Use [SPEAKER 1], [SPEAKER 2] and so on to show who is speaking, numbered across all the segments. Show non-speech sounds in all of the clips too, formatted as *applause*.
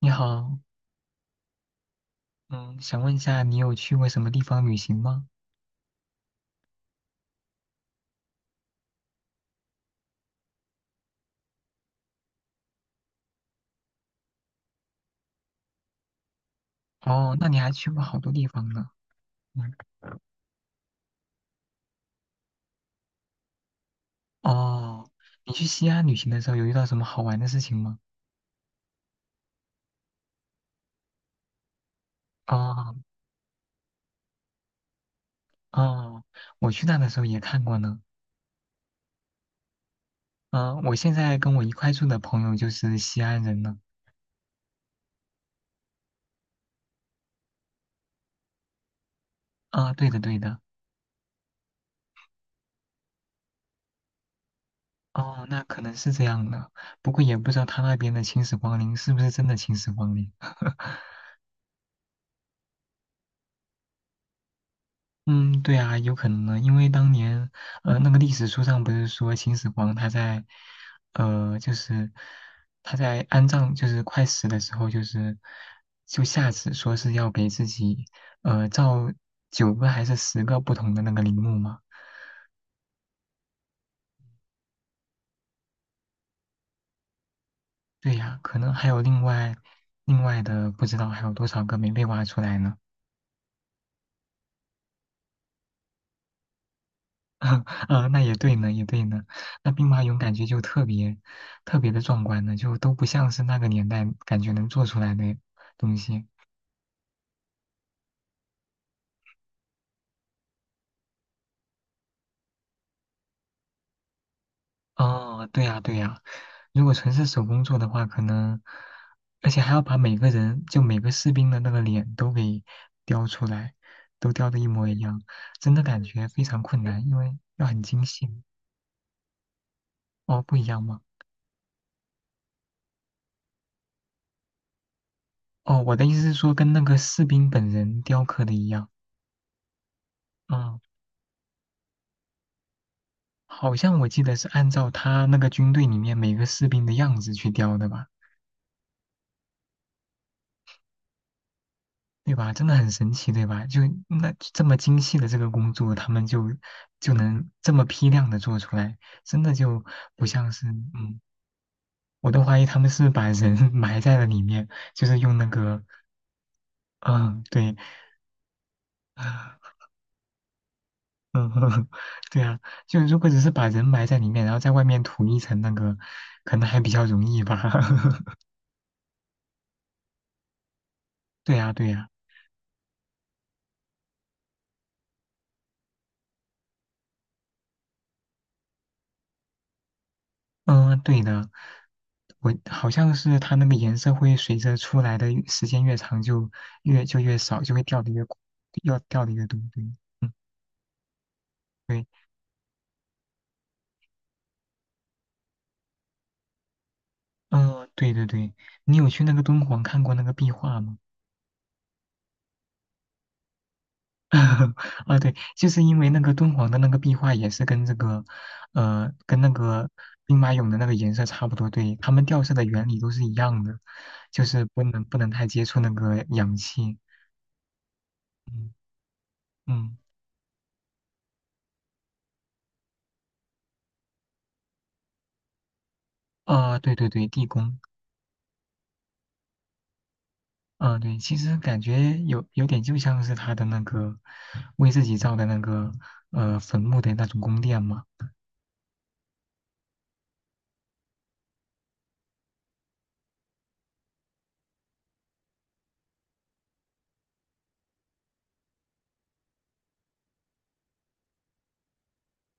[SPEAKER 1] 你好，嗯，想问一下，你有去过什么地方旅行吗？哦，那你还去过好多地方呢。嗯，哦，你去西安旅行的时候有遇到什么好玩的事情吗？哦，哦，我去那的时候也看过呢。嗯、我现在跟我一块住的朋友就是西安人呢。啊、对的，对的。哦，那可能是这样的，不过也不知道他那边的秦始皇陵是不是真的秦始皇陵。嗯，对啊，有可能呢，因为当年，那个历史书上不是说秦始皇他在，呃，就是他在安葬，就是快死的时候，就是就下旨说是要给自己，造九个还是十个不同的那个陵墓嘛？对呀，可能还有另外另外的不知道还有多少个没被挖出来呢。*laughs* 啊，那也对呢，也对呢。那兵马俑感觉就特别特别的壮观呢，就都不像是那个年代感觉能做出来的东西。哦，对呀，对呀。如果纯是手工做的话，可能而且还要把每个人就每个士兵的那个脸都给雕出来，都雕的一模一样，真的感觉非常困难，因为要很精细。哦，不一样吗？哦，我的意思是说跟那个士兵本人雕刻的一样。嗯。好像我记得是按照他那个军队里面每个士兵的样子去雕的吧，对吧？真的很神奇，对吧？就那这么精细的这个工作，他们就能这么批量的做出来，真的就不像是，我都怀疑他们是把人 *laughs* 埋在了里面，就是用那个，嗯，对，啊嗯，*laughs* 对啊，就如果只是把人埋在里面，然后在外面涂一层那个，可能还比较容易吧。*laughs* 对呀，对呀。嗯，对的，我好像是它那个颜色会随着出来的越时间越长就越就越少，就会掉的越快要掉的越多。对，嗯，嗯，对对对，你有去那个敦煌看过那个壁画吗？*laughs* 啊，对，就是因为那个敦煌的那个壁画也是跟这个，跟那个兵马俑的那个颜色差不多，对，它们掉色的原理都是一样的，就是不能太接触那个氧气。嗯嗯，啊，对对对，地宫。啊，对，其实感觉有点就像是他的那个为自己造的那个坟墓的那种宫殿嘛。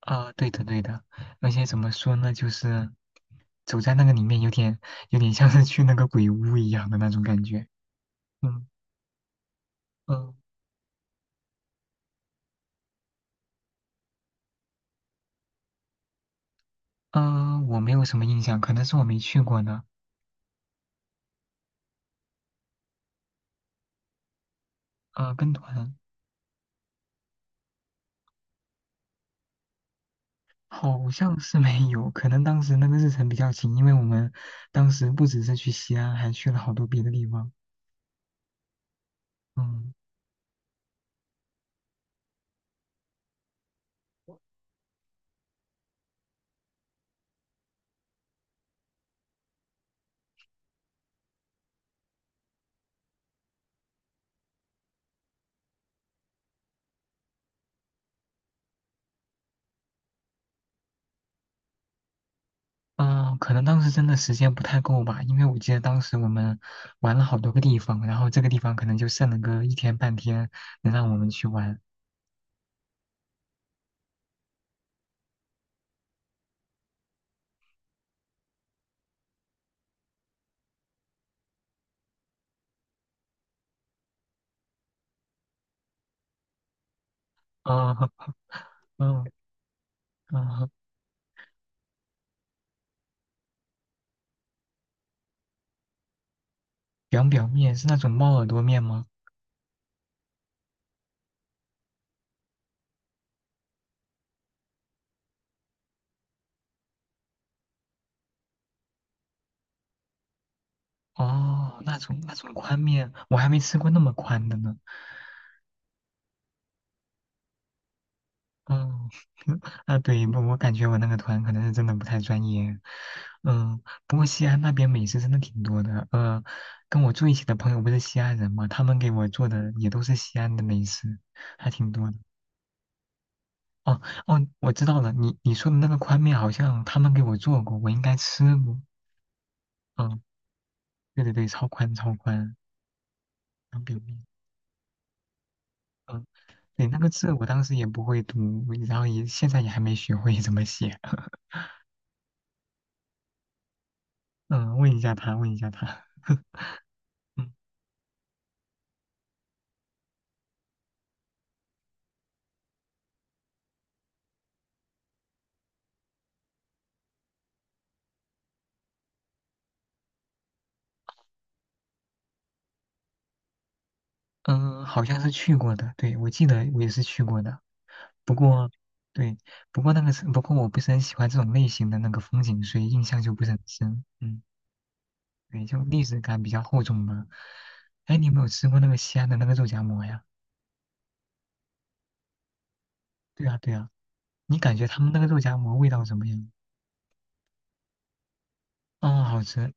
[SPEAKER 1] 啊，对的对的，而且怎么说呢，就是走在那个里面有点像是去那个鬼屋一样的那种感觉。嗯嗯嗯，我没有什么印象，可能是我没去过呢。啊，跟团好像是没有，可能当时那个日程比较紧，因为我们当时不只是去西安，还去了好多别的地方。嗯。嗯，可能当时真的时间不太够吧，因为我记得当时我们玩了好多个地方，然后这个地方可能就剩了个一天半天能让我们去玩。啊嗯嗯，凉表面是那种猫耳朵面吗？哦，那种那种宽面，我还没吃过那么宽的呢。嗯，*laughs* 啊对，我感觉我那个团可能是真的不太专业。嗯，不过西安那边美食真的挺多的。跟我住一起的朋友不是西安人嘛，他们给我做的也都是西安的美食，还挺多的。哦哦，我知道了，你说的那个宽面好像他们给我做过，我应该吃过。嗯，对对对，超宽超宽，当表面。嗯，对，那个字我当时也不会读，然后也现在也还没学会怎么写。*laughs* 嗯，问一下他，问一下他。嗯。嗯，好像是去过的，对，我记得我也是去过的。不过，对，不过我不是很喜欢这种类型的那个风景，所以印象就不是很深。嗯，对，就历史感比较厚重吧。哎，你有没有吃过那个西安的那个肉夹馍呀？对啊，对啊，你感觉他们那个肉夹馍味道怎么样？哦，好吃。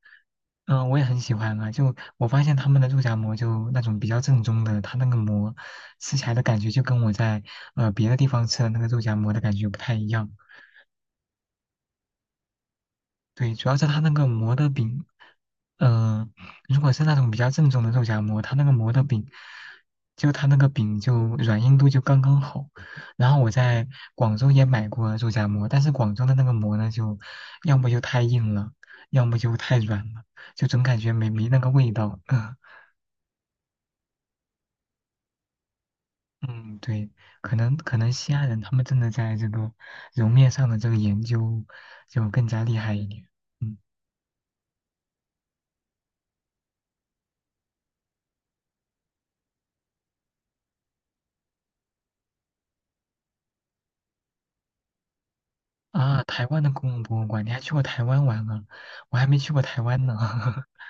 [SPEAKER 1] 嗯，我也很喜欢啊。就我发现他们的肉夹馍，就那种比较正宗的，它那个馍吃起来的感觉就跟我在别的地方吃的那个肉夹馍的感觉不太一样。对，主要是它那个馍的饼，嗯，如果是那种比较正宗的肉夹馍，它那个馍的饼，就它那个饼就软硬度就刚刚好。然后我在广州也买过肉夹馍，但是广州的那个馍呢，就要么就太硬了，要么就太软了，就总感觉没那个味道。*laughs* 嗯嗯，对，可能西安人他们真的在这个揉面上的这个研究就更加厉害一点。嗯。啊，台湾的公共博物馆，你还去过台湾玩啊？我还没去过台湾呢。*laughs*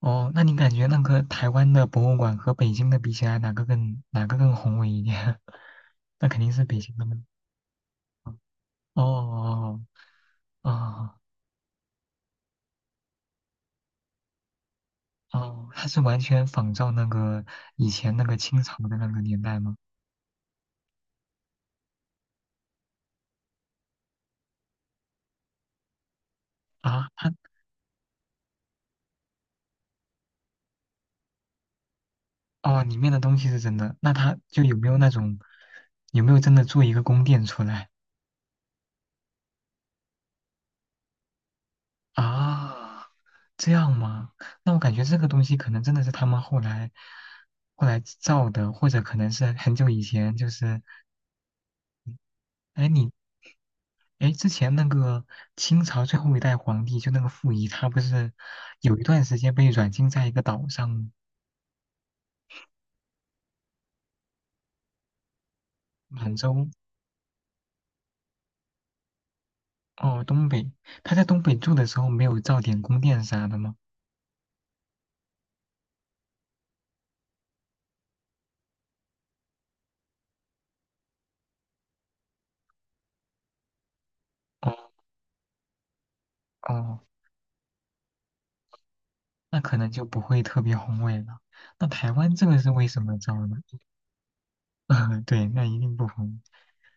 [SPEAKER 1] 哦，那你感觉那个台湾的博物馆和北京的比起来，哪个更宏伟一点？*laughs* 那肯定是北京的嘛。哦哦哦，哦它是完全仿照那个以前那个清朝的那个年代吗？啊，它哦，里面的东西是真的，那它就有没有那种有没有真的做一个宫殿出来？啊，这样吗？那我感觉这个东西可能真的是他们后来后来造的，或者可能是很久以前，就是哎你哎之前那个清朝最后一代皇帝就那个溥仪，他不是有一段时间被软禁在一个岛上吗满洲哦东北，他在东北住的时候没有造点宫殿啥的吗？哦哦，那可能就不会特别宏伟了。那台湾这个是为什么造呢？*laughs* 啊，对，那一定不红，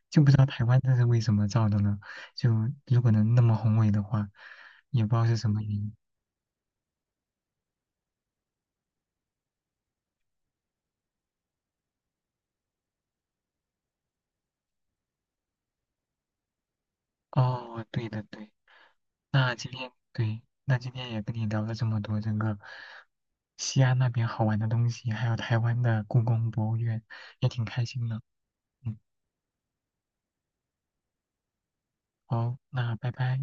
[SPEAKER 1] 就不知道台湾这是为什么造的呢？就如果能那么宏伟的话，也不知道是什么原因。哦，对的对，那今天对，那今天也跟你聊了这么多整个西安那边好玩的东西，还有台湾的故宫博物院，也挺开心的。嗯，好，那拜拜。